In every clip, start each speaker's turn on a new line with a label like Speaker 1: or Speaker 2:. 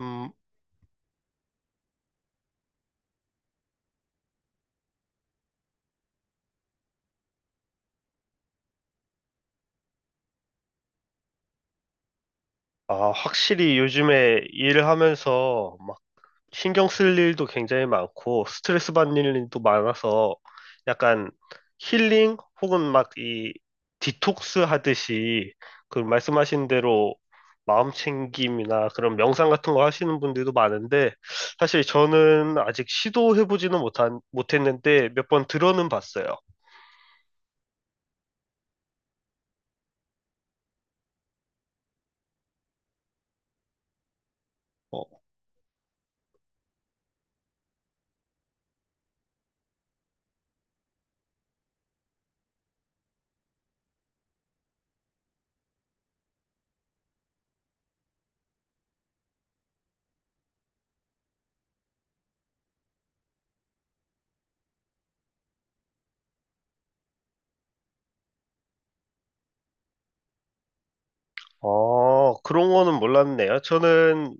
Speaker 1: 음, 아, 확실히 요즘에 일을 하면서 막 신경 쓸 일도 굉장히 많고 스트레스 받는 일도 많아서 약간 힐링 혹은 막 이 디톡스 하듯이 그 말씀하신 대로 마음 챙김이나 그런 명상 같은 거 하시는 분들도 많은데, 사실 저는 아직 시도해보지는 못했는데 몇 번 들어는 봤어요. 어, 어, 그런 거는 몰랐네요. 저는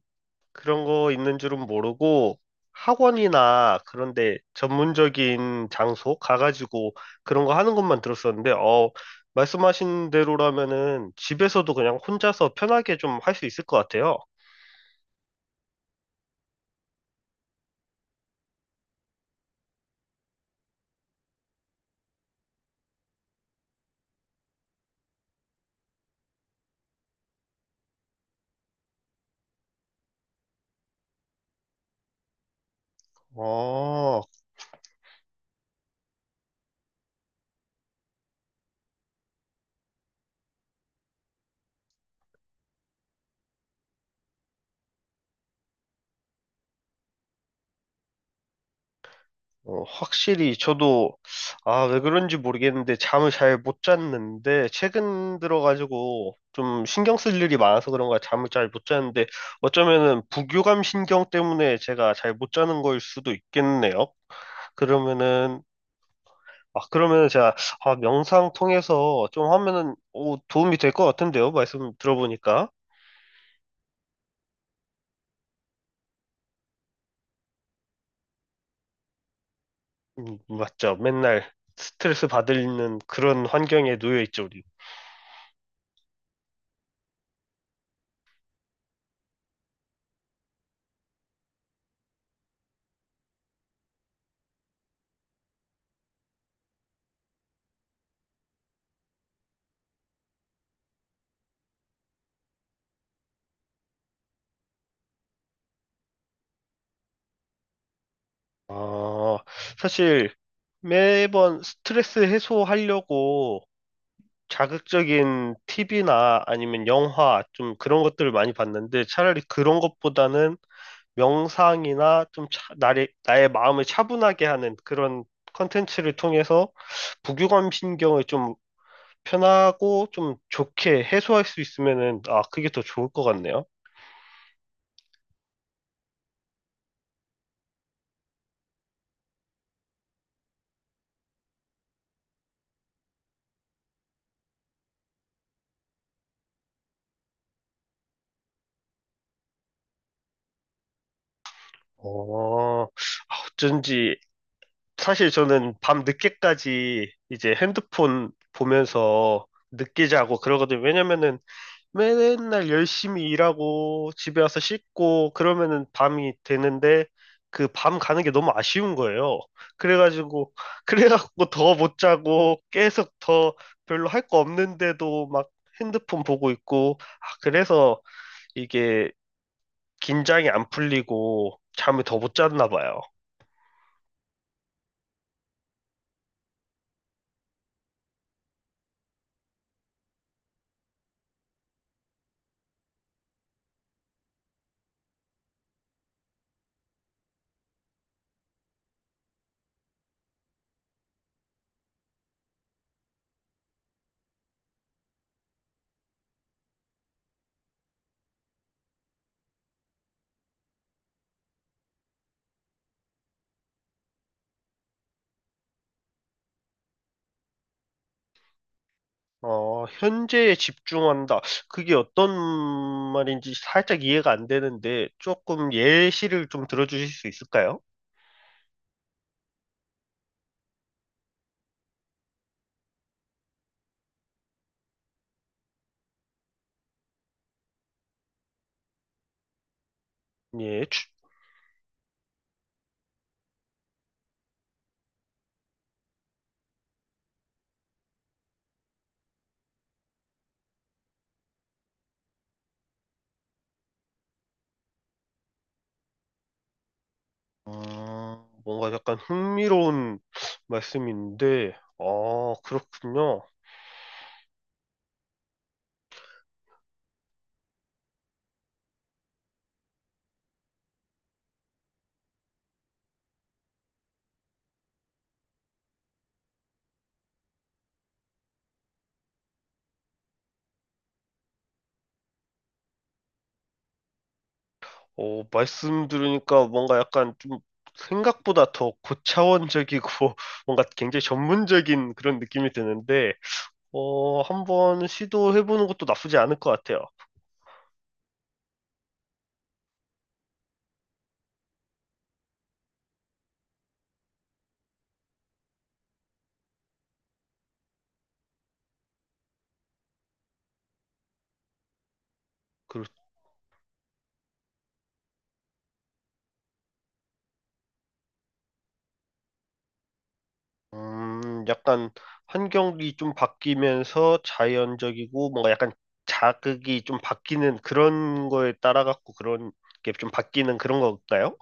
Speaker 1: 그런 거 있는 줄은 모르고 학원이나 그런데 전문적인 장소 가가지고 그런 거 하는 것만 들었었는데, 말씀하신 대로라면은 집에서도 그냥 혼자서 편하게 좀 할 수 있을 것 같아요. 어, 어, 확실히 저도 아, 왜 그런지 모르겠는데 잠을 잘 못 잤는데 최근 들어가지고 좀 신경 쓸 일이 많아서 그런가 잠을 잘 못 잤는데 어쩌면은 부교감 신경 때문에 제가 잘 못 자는 걸 수도 있겠네요. 그러면은 아, 그러면은 제가 아, 명상 통해서 좀 하면은 오, 도움이 될 것 같은데요, 말씀 들어보니까. 맞죠. 맨날 스트레스 받는 그런 환경에 놓여 있죠, 우리. 아, 사실 매번 스트레스 해소하려고 자극적인 TV나 아니면 영화 좀 그런 것들을 많이 봤는데, 차라리 그런 것보다는 명상이나 좀 나의 마음을 차분하게 하는 그런 컨텐츠를 통해서 부교감 신경을 좀 편하고 좀 좋게 해소할 수 있으면은 아, 그게 더 좋을 것 같네요. 어, 아, 어쩐지 사실 저는 밤 늦게까지 이제 핸드폰 보면서 늦게 자고 그러거든요. 왜냐면은 맨날 열심히 일하고 집에 와서 씻고 그러면은 밤이 되는데, 그 밤 가는 게 너무 아쉬운 거예요. 그래가지고 그래갖고 더 못 자고 계속 더 별로 할 거 없는데도 막 핸드폰 보고 있고, 아, 그래서 이게 긴장이 안 풀리고 잠을 더 못 잤나 봐요. 어, 현재에 집중한다. 그게 어떤 말인지 살짝 이해가 안 되는데 조금 예시를 좀 들어주실 수 있을까요? 예, 음, 뭔가 약간 흥미로운 말씀인데, 아, 그렇군요. 어, 말씀 들으니까 뭔가 약간 좀 생각보다 더 고차원적이고 뭔가 굉장히 전문적인 그런 느낌이 드는데, 한번 시도해보는 것도 나쁘지 않을 것 같아요. 그, 약간 환경이 좀 바뀌면서 자연적이고 뭔가 약간 자극이 좀 바뀌는 그런 거에 따라 갖고 그런 게 좀 바뀌는 그런 건가요?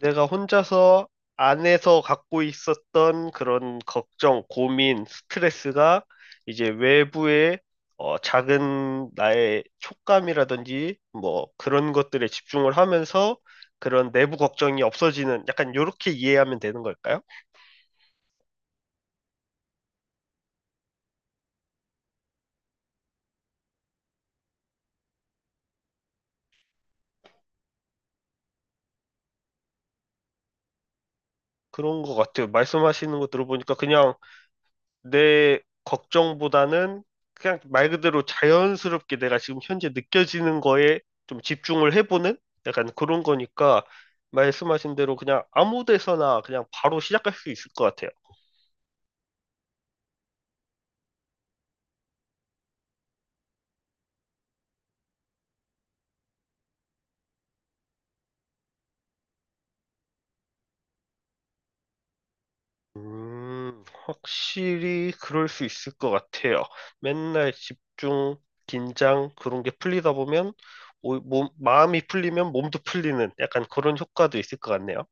Speaker 1: 내가 혼자서 안에서 갖고 있었던 그런 걱정, 고민, 스트레스가 이제 외부의, 어, 작은 나의 촉감이라든지 뭐 그런 것들에 집중을 하면서 그런 내부 걱정이 없어지는, 약간 요렇게 이해하면 되는 걸까요? 그런 것 같아요. 말씀하시는 거 들어보니까 그냥 내 걱정보다는 그냥 말 그대로 자연스럽게 내가 지금 현재 느껴지는 거에 좀 집중을 해보는 약간 그런 거니까 말씀하신 대로 그냥 아무 데서나 그냥 바로 시작할 수 있을 것 같아요. 확실히 그럴 수 있을 것 같아요. 맨날 집중, 긴장 그런 게 풀리다 보면 몸, 마음이 풀리면 몸도 풀리는 약간 그런 효과도 있을 것 같네요.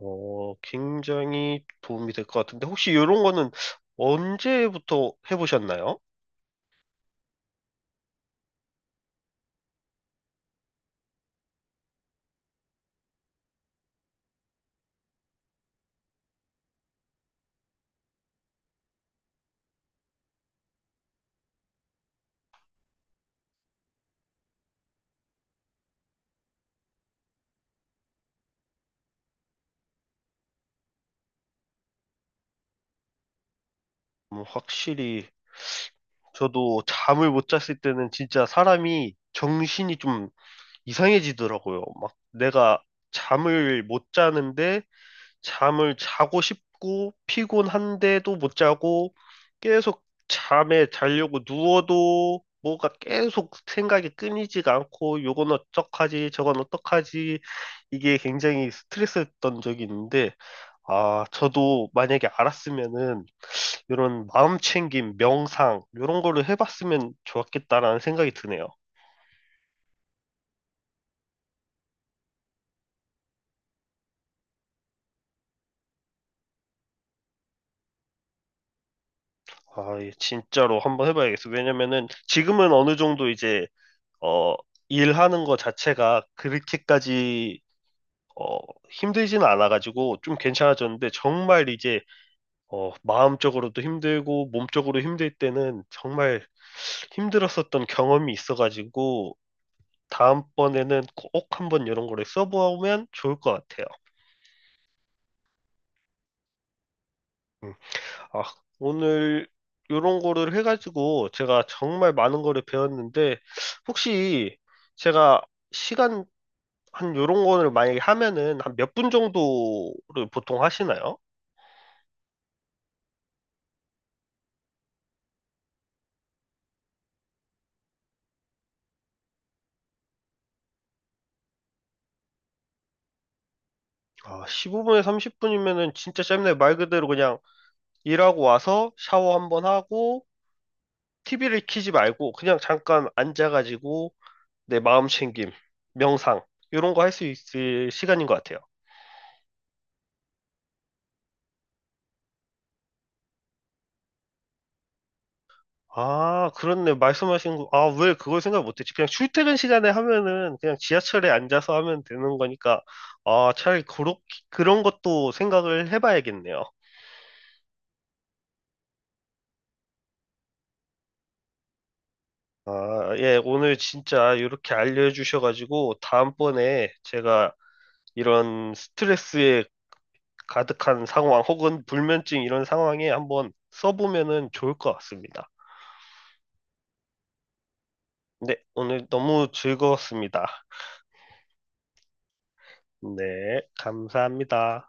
Speaker 1: 어, 굉장히 도움이 될 것 같은데, 혹시 이런 거는 언제부터 해보셨나요? 확실히, 저도 잠을 못 잤을 때는 진짜 사람이 정신이 좀 이상해지더라고요. 막 내가 잠을 못 자는데, 잠을 자고 싶고 피곤한데도 못 자고 계속 잠에 자려고 누워도 뭐가 계속 생각이 끊이지가 않고 요건 어떡하지 저건 어떡하지, 이게 굉장히 스트레스였던 적이 있는데 아, 저도 만약에 알았으면은 이런 마음 챙김 명상 이런 거를 해봤으면 좋았겠다라는 생각이 드네요. 아, 예, 진짜로 한번 해봐야겠어. 왜냐면은 지금은 어느 정도 이제 어, 일하는 거 자체가 그렇게까지 어, 힘들지는 않아가지고 좀 괜찮아졌는데 정말 이제 마음적으로도 힘들고 몸적으로 힘들 때는 정말 힘들었었던 경험이 있어가지고 다음번에는 꼭 한번 이런 거를 써보면 좋을 것 같아요. 음. 아, 오늘 이런 거를 해가지고 제가 정말 많은 거를 배웠는데 혹시 제가 시간, 한 요런 거를 만약에 하면은 한 몇 분 정도를 보통 하시나요? 아, 15분에 30분이면은 진짜 짧네. 말 그대로 그냥 일하고 와서 샤워 한번 하고 TV를 켜지 말고 그냥 잠깐 앉아가지고 내 마음 챙김, 명상 이런 거 할 수 있을 시간인 것 같아요. 아, 그렇네. 말씀하신 거. 아, 왜 그걸 생각 못했지? 그냥 출퇴근 시간에 하면은 그냥 지하철에 앉아서 하면 되는 거니까 아, 차라리 그렇 그런 것도 생각을 해봐야겠네요. 아, 예, 오늘 진짜 이렇게 알려주셔가지고 다음번에 제가 이런 스트레스에 가득한 상황 혹은 불면증 이런 상황에 한번 써보면은 좋을 것 같습니다. 네, 오늘 너무 즐거웠습니다. 네, 감사합니다.